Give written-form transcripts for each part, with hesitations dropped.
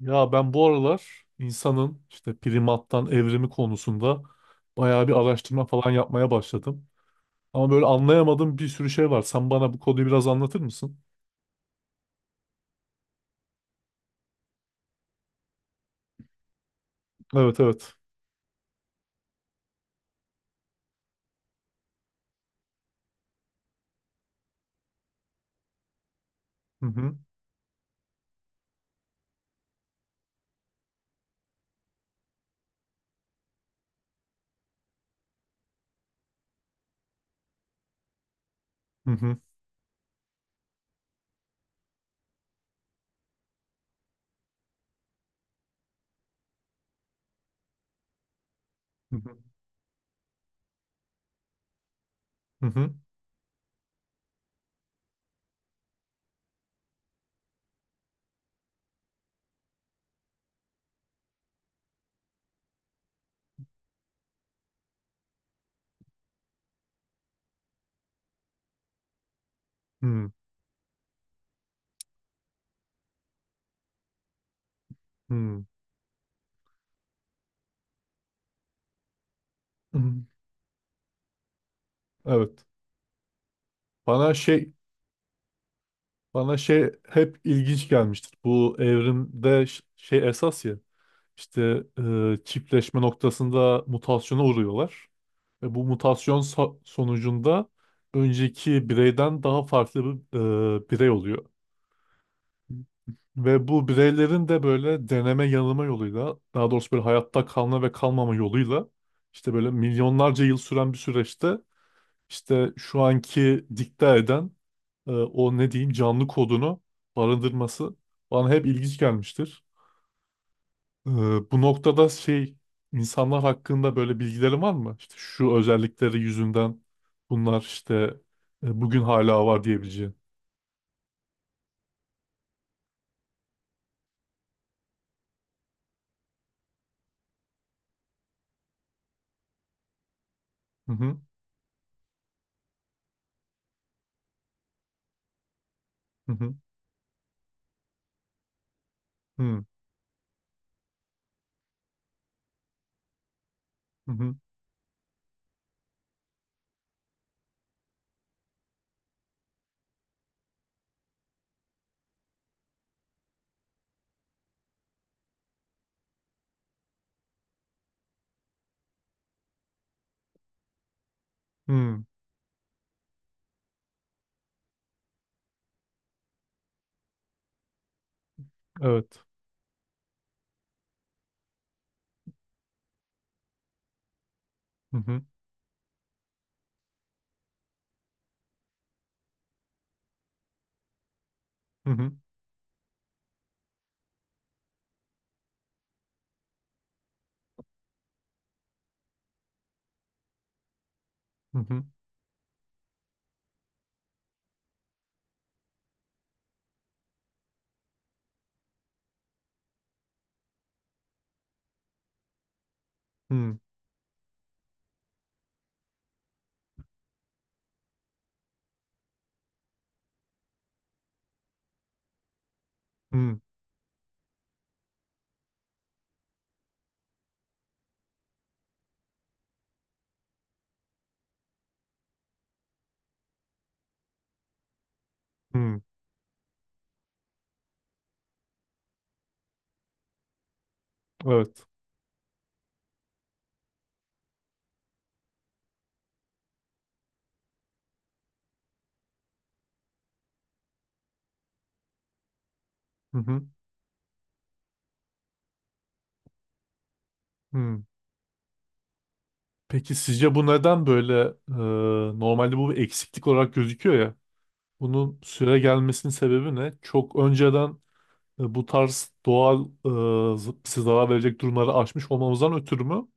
Ya ben bu aralar insanın işte primattan evrimi konusunda bayağı bir araştırma falan yapmaya başladım. Ama böyle anlayamadığım bir sürü şey var. Sen bana bu konuyu biraz anlatır mısın? Evet, evet. Hı hı. Hı hı. Hı hı. Hı hı. Hı hı. Hı hı. Evet. Bana şey bana şey hep ilginç gelmiştir. Bu evrimde şey esas ya. İşte çiftleşme noktasında mutasyona uğruyorlar. Ve bu mutasyon sonucunda önceki bireyden daha farklı bir birey oluyor. Ve bu bireylerin de böyle deneme yanılma yoluyla, daha doğrusu böyle hayatta kalma ve kalmama yoluyla işte böyle milyonlarca yıl süren bir süreçte işte şu anki dikte eden o ne diyeyim canlı kodunu barındırması bana hep ilginç gelmiştir. Ee, bu noktada şey insanlar hakkında böyle bilgilerin var mı? İşte şu özellikleri yüzünden bunlar işte bugün hala var diyebileceğin. Hı hı, hı hı, hı hı, hı hı. Evet. Hı hı, hı hı, hı hı, hı hı, hı. Evet. Hı hı, hı. Peki sizce bu neden böyle normalde bu bir eksiklik olarak gözüküyor ya? Bunun süre gelmesinin sebebi ne? Çok önceden bu tarz doğal bize zarar verecek durumları aşmış olmamızdan ötürü mü?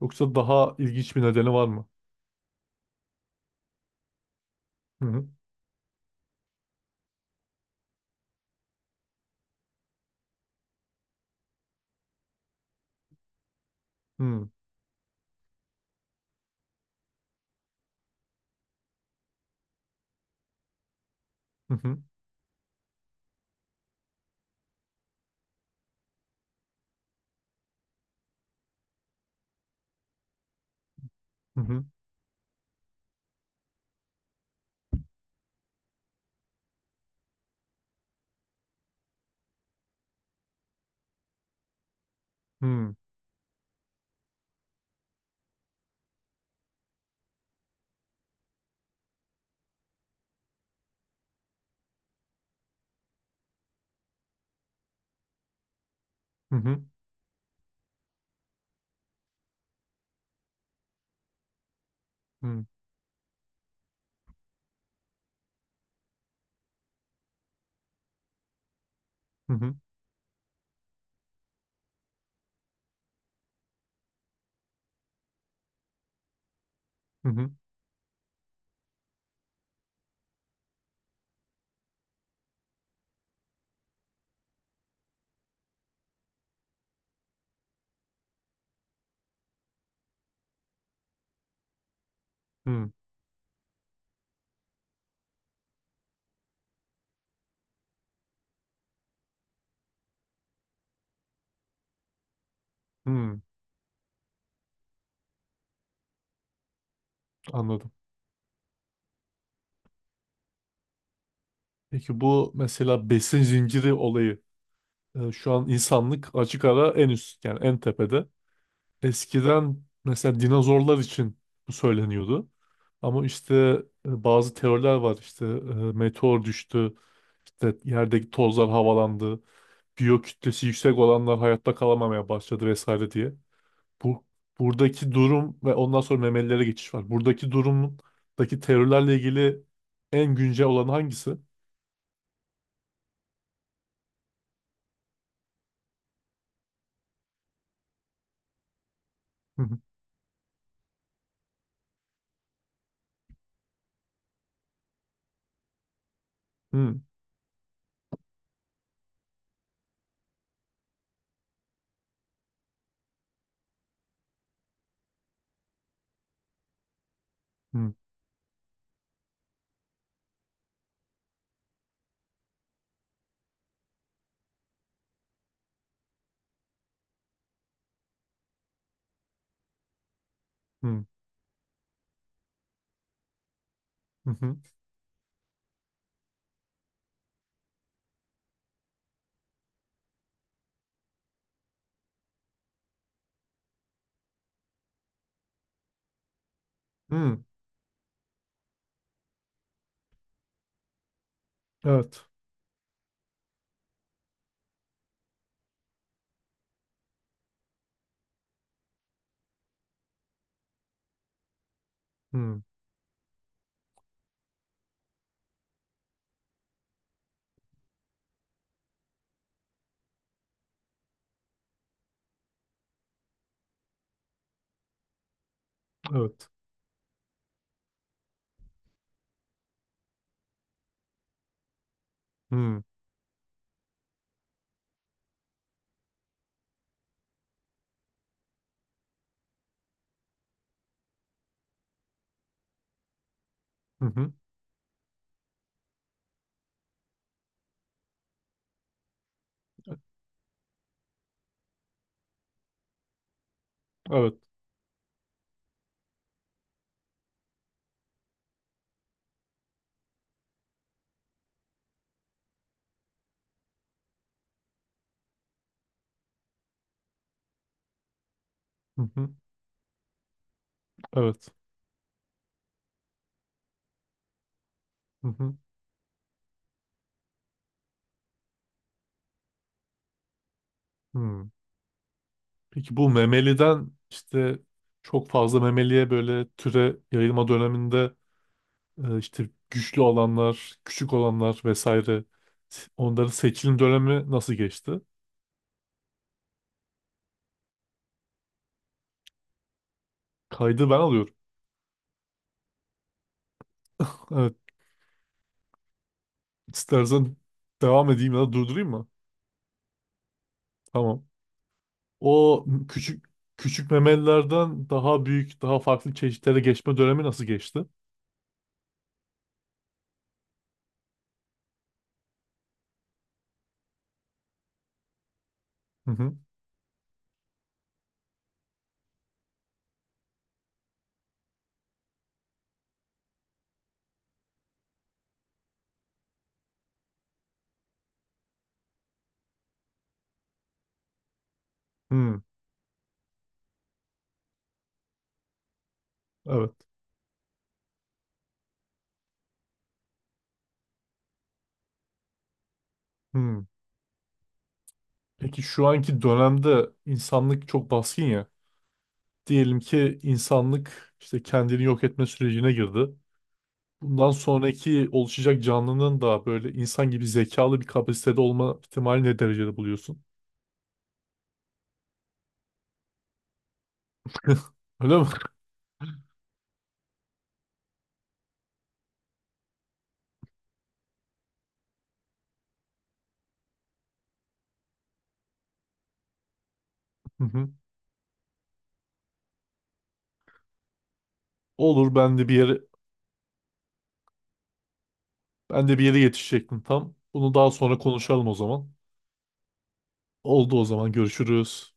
Yoksa daha ilginç bir nedeni var mı? Hı hı. Hı hı. Hı hı. Hı hı. Hı hı. Hı hı. Hı hı. Hı hı. Anladım. Peki bu mesela besin zinciri olayı, şu an insanlık açık ara en üst, yani en tepede. Eskiden mesela dinozorlar için bu söyleniyordu. Ama işte bazı teoriler var işte, meteor düştü, İşte yerdeki tozlar havalandı. Biyo kütlesi yüksek olanlar hayatta kalamamaya başladı vesaire diye. Bu buradaki durum ve ondan sonra memelilere geçiş var. Buradaki durumdaki terörlerle ilgili en güncel olan hangisi? Hı hı, hı, hı, hı, hı, hı, hı. Evet. Hı, evet. Hı, hı, hı, evet. Hı, hı, evet. Hı, hı, hı. Peki bu memeliden işte çok fazla memeliye böyle türe yayılma döneminde, işte güçlü olanlar, küçük olanlar vesaire. Onların seçilim dönemi nasıl geçti? Kaydı ben alıyorum. Evet, istersen devam edeyim ya da durdurayım mı? Tamam. O küçük küçük memelilerden daha büyük, daha farklı çeşitlere geçme dönemi nasıl geçti? Hı hı. Hı, evet. Hı. Peki şu anki dönemde insanlık çok baskın ya. Diyelim ki insanlık işte kendini yok etme sürecine girdi. Bundan sonraki oluşacak canlının da böyle insan gibi zekalı bir kapasitede olma ihtimali ne derecede buluyorsun? Öyle mi? Hı hı. Olur, ben de bir yere yetişecektim tam. Bunu daha sonra konuşalım o zaman. Oldu, o zaman görüşürüz.